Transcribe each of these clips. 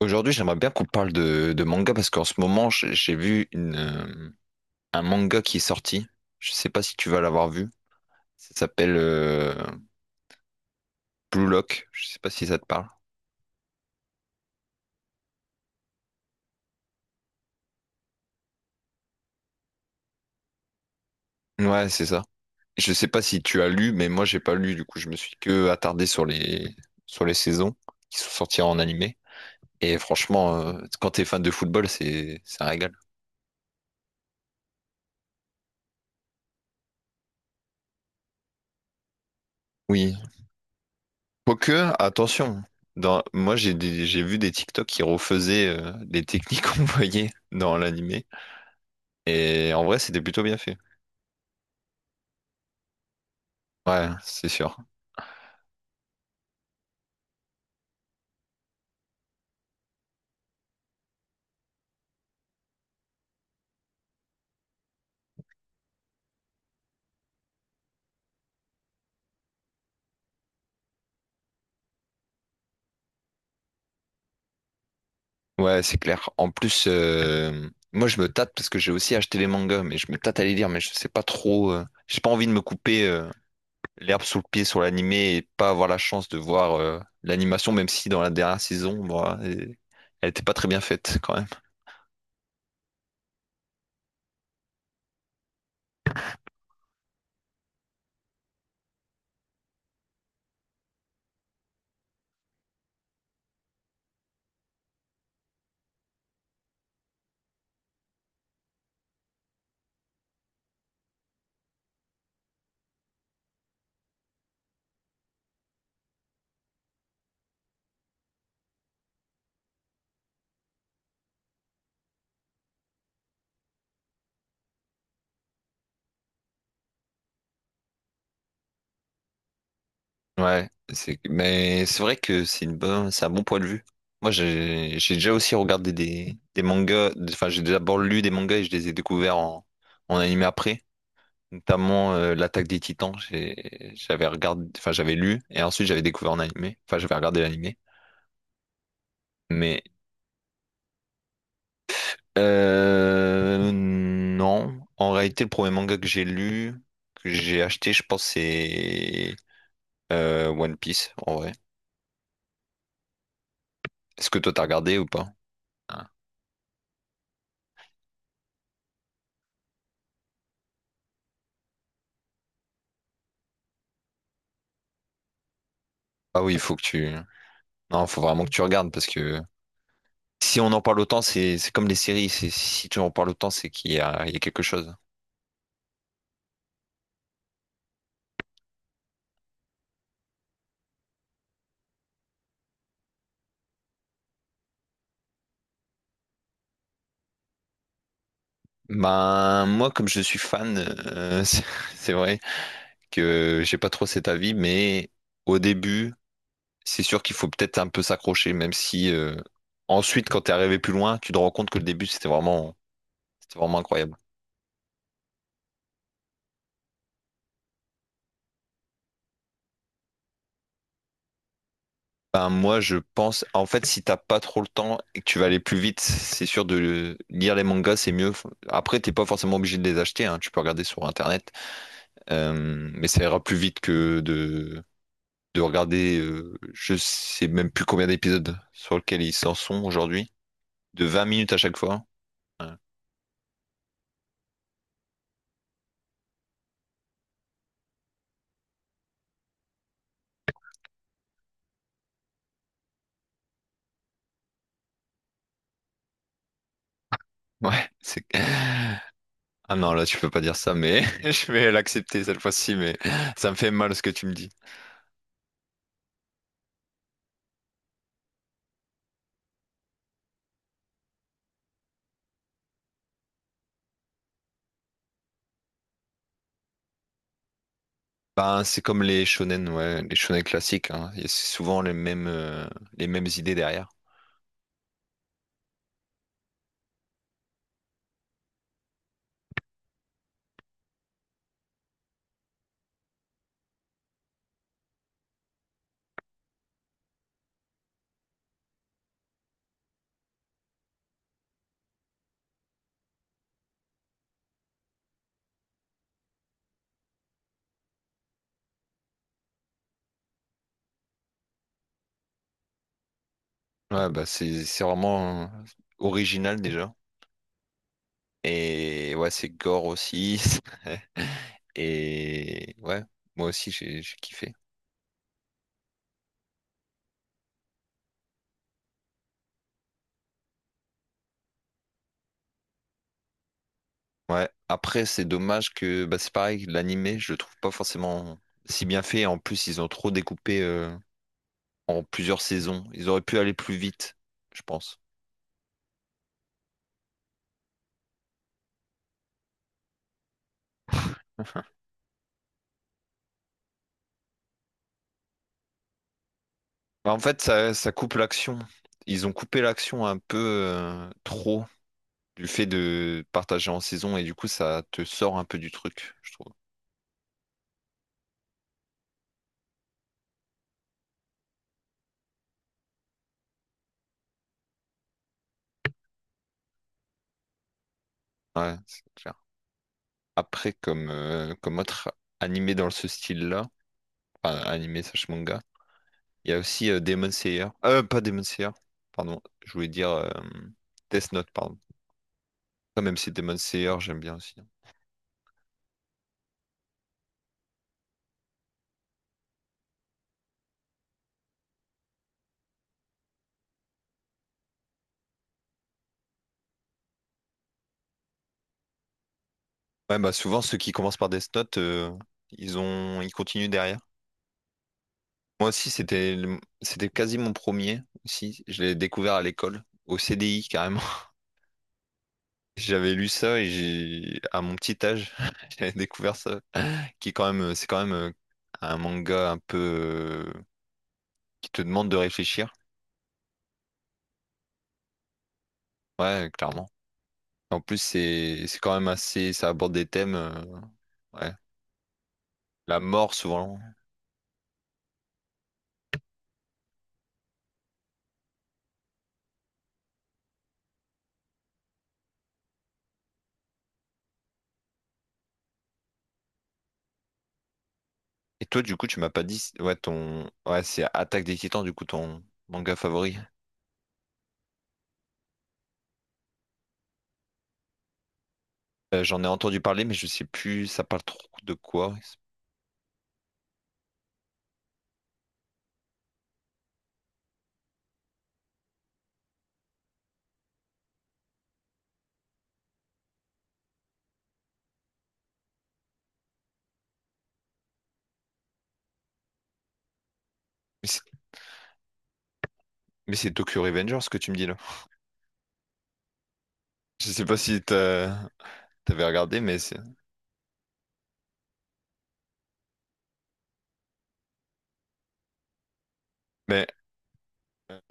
Aujourd'hui, j'aimerais bien qu'on parle de manga parce qu'en ce moment, j'ai vu un manga qui est sorti. Je sais pas si tu vas l'avoir vu. Ça s'appelle Blue Lock. Je sais pas si ça te parle. Ouais, c'est ça. Je sais pas si tu as lu, mais moi j'ai pas lu. Du coup, je me suis que attardé sur les saisons qui sont sorties en animé. Et franchement, quand t'es fan de football, c'est un régal. Oui. Quoique, attention. Moi, j'ai vu des TikTok qui refaisaient les techniques qu'on voyait dans l'animé. Et en vrai, c'était plutôt bien fait. Ouais, c'est sûr. Ouais, c'est clair. En plus, moi, je me tâte parce que j'ai aussi acheté les mangas, mais je me tâte à les lire, mais je sais pas trop. J'ai pas envie de me couper l'herbe sous le pied sur l'animé et pas avoir la chance de voir l'animation, même si dans la dernière saison, moi, elle était pas très bien faite quand même. Ouais, c'est vrai que c'est un bon point de vue. Moi, j'ai déjà aussi regardé des mangas, enfin, j'ai d'abord lu des mangas et je les ai découverts en animé après. Notamment l'attaque des Titans, j'avais regardé, enfin j'avais lu et ensuite j'avais découvert en animé, enfin j'avais regardé l'animé. Mais non, en réalité le premier manga que j'ai lu, que j'ai acheté, je pense c'est One Piece en vrai. Est-ce que toi t'as regardé ou pas? Ah. Ah oui, il faut que tu, non, faut vraiment que tu regardes parce que si on en parle autant, c'est comme les séries, c'est si tu en parles autant, c'est qu'il y a quelque chose. Ben moi comme je suis fan, c'est vrai. Que j'ai pas trop cet avis, mais au début, c'est sûr qu'il faut peut-être un peu s'accrocher, même si ensuite, quand t'es arrivé plus loin, tu te rends compte que le début, c'était vraiment incroyable. Ben, moi, je pense, en fait, si t'as pas trop le temps et que tu vas aller plus vite, c'est sûr de lire les mangas, c'est mieux. Après, t'es pas forcément obligé de les acheter, hein, tu peux regarder sur Internet, mais ça ira plus vite que de regarder, je sais même plus combien d'épisodes sur lesquels ils s'en sont aujourd'hui, de 20 minutes à chaque fois, hein. Ouais, c'est... Ah non, là, tu peux pas dire ça, mais je vais l'accepter cette fois-ci, mais ça me fait mal ce que tu me dis. Ben, c'est comme les shonen, ouais, les shonen classiques, hein. Il y a souvent les mêmes idées derrière. Ouais, bah, c'est vraiment original déjà. Et ouais, c'est gore aussi. Et ouais, moi aussi, j'ai kiffé. Ouais, après, c'est dommage que, bah, c'est pareil, l'animé, je le trouve pas forcément si bien fait. En plus, ils ont trop découpé, en plusieurs saisons. Ils auraient pu aller plus vite, je pense. Bah, en fait, ça coupe l'action. Ils ont coupé l'action un peu trop du fait de partager en saison et du coup, ça te sort un peu du truc, je trouve. Ouais, c'est clair. Après, comme autre animé dans ce style-là, enfin, animé slash manga, il y a aussi Demon Slayer. Pas Demon Slayer, pardon, je voulais dire Death Note, pardon. Ah, même si Demon Slayer, j'aime bien aussi, hein. Ouais, bah souvent ceux qui commencent par Death Note, ils continuent derrière. Moi aussi, c'était quasi mon premier aussi. Je l'ai découvert à l'école, au CDI carrément. J'avais lu ça et j'ai, à mon petit âge, j'avais découvert ça, qui est quand même, c'est quand même un manga un peu qui te demande de réfléchir. Ouais, clairement. En plus, c'est quand même assez, ça aborde des thèmes, ouais, la mort souvent. Et toi, du coup, tu m'as pas dit, si, ouais, c'est Attaque des Titans, du coup, ton manga favori. J'en ai entendu parler, mais je sais plus, ça parle trop de quoi. Mais c'est mais c'est Tokyo Revengers ce que tu me dis là. Je sais pas si t'as- t'avais regardé, mais mais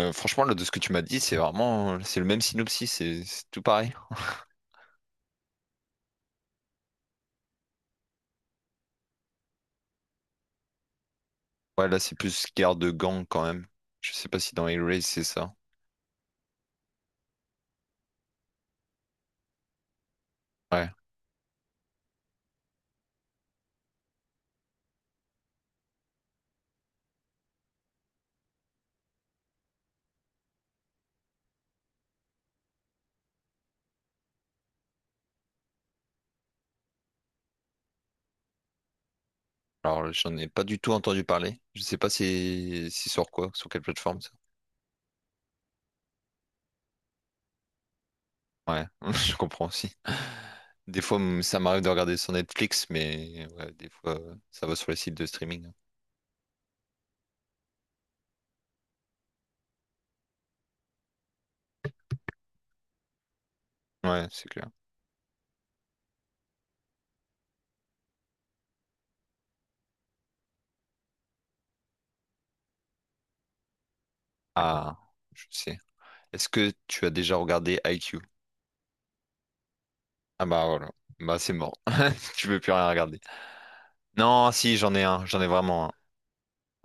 franchement, là, de ce que tu m'as dit, c'est vraiment, c'est le même synopsis, c'est tout pareil. Ouais, là, c'est plus guerre de gang quand même. Je sais pas si dans Hellraise, c'est ça. Ouais. Alors, j'en ai pas du tout entendu parler. Je sais pas si c'est sur quoi, sur quelle plateforme ça. Ouais, je comprends aussi. Des fois, ça m'arrive de regarder sur Netflix, mais ouais, des fois, ça va sur les sites de streaming. Ouais, c'est clair. Ah, je sais. Est-ce que tu as déjà regardé IQ? Ah bah voilà. Bah c'est mort. Tu veux plus rien regarder. Non, si, j'en ai un. J'en ai vraiment un.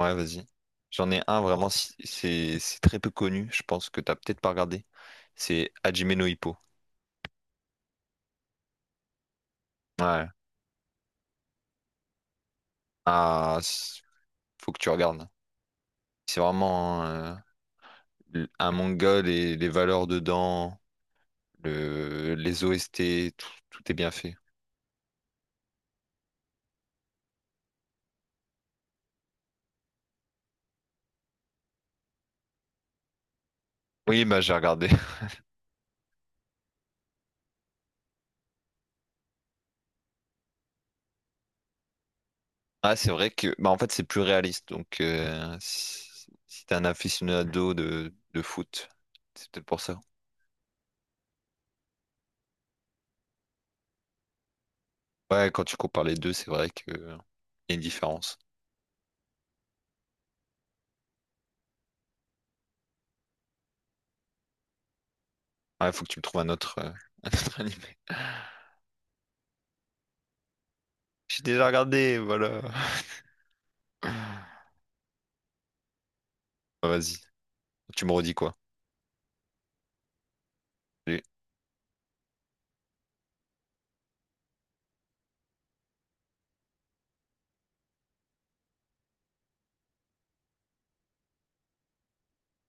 Ouais, vas-y. J'en ai un vraiment, c'est très peu connu. Je pense que t'as peut-être pas regardé. C'est Hajime no Hippo. Ouais. Ah, faut que tu regardes. C'est vraiment un manga, les valeurs dedans, les OST, tout est bien fait. Oui, bah j'ai regardé. Ah, c'est vrai que bah en fait c'est plus réaliste. Donc si t'es un aficionado de foot, c'est peut-être pour ça. Ouais, quand tu compares les deux, c'est vrai que y a une différence. Ouais, faut que tu me trouves un autre, un autre animé. J'ai déjà regardé, voilà. Ah, vas-y, tu me redis quoi?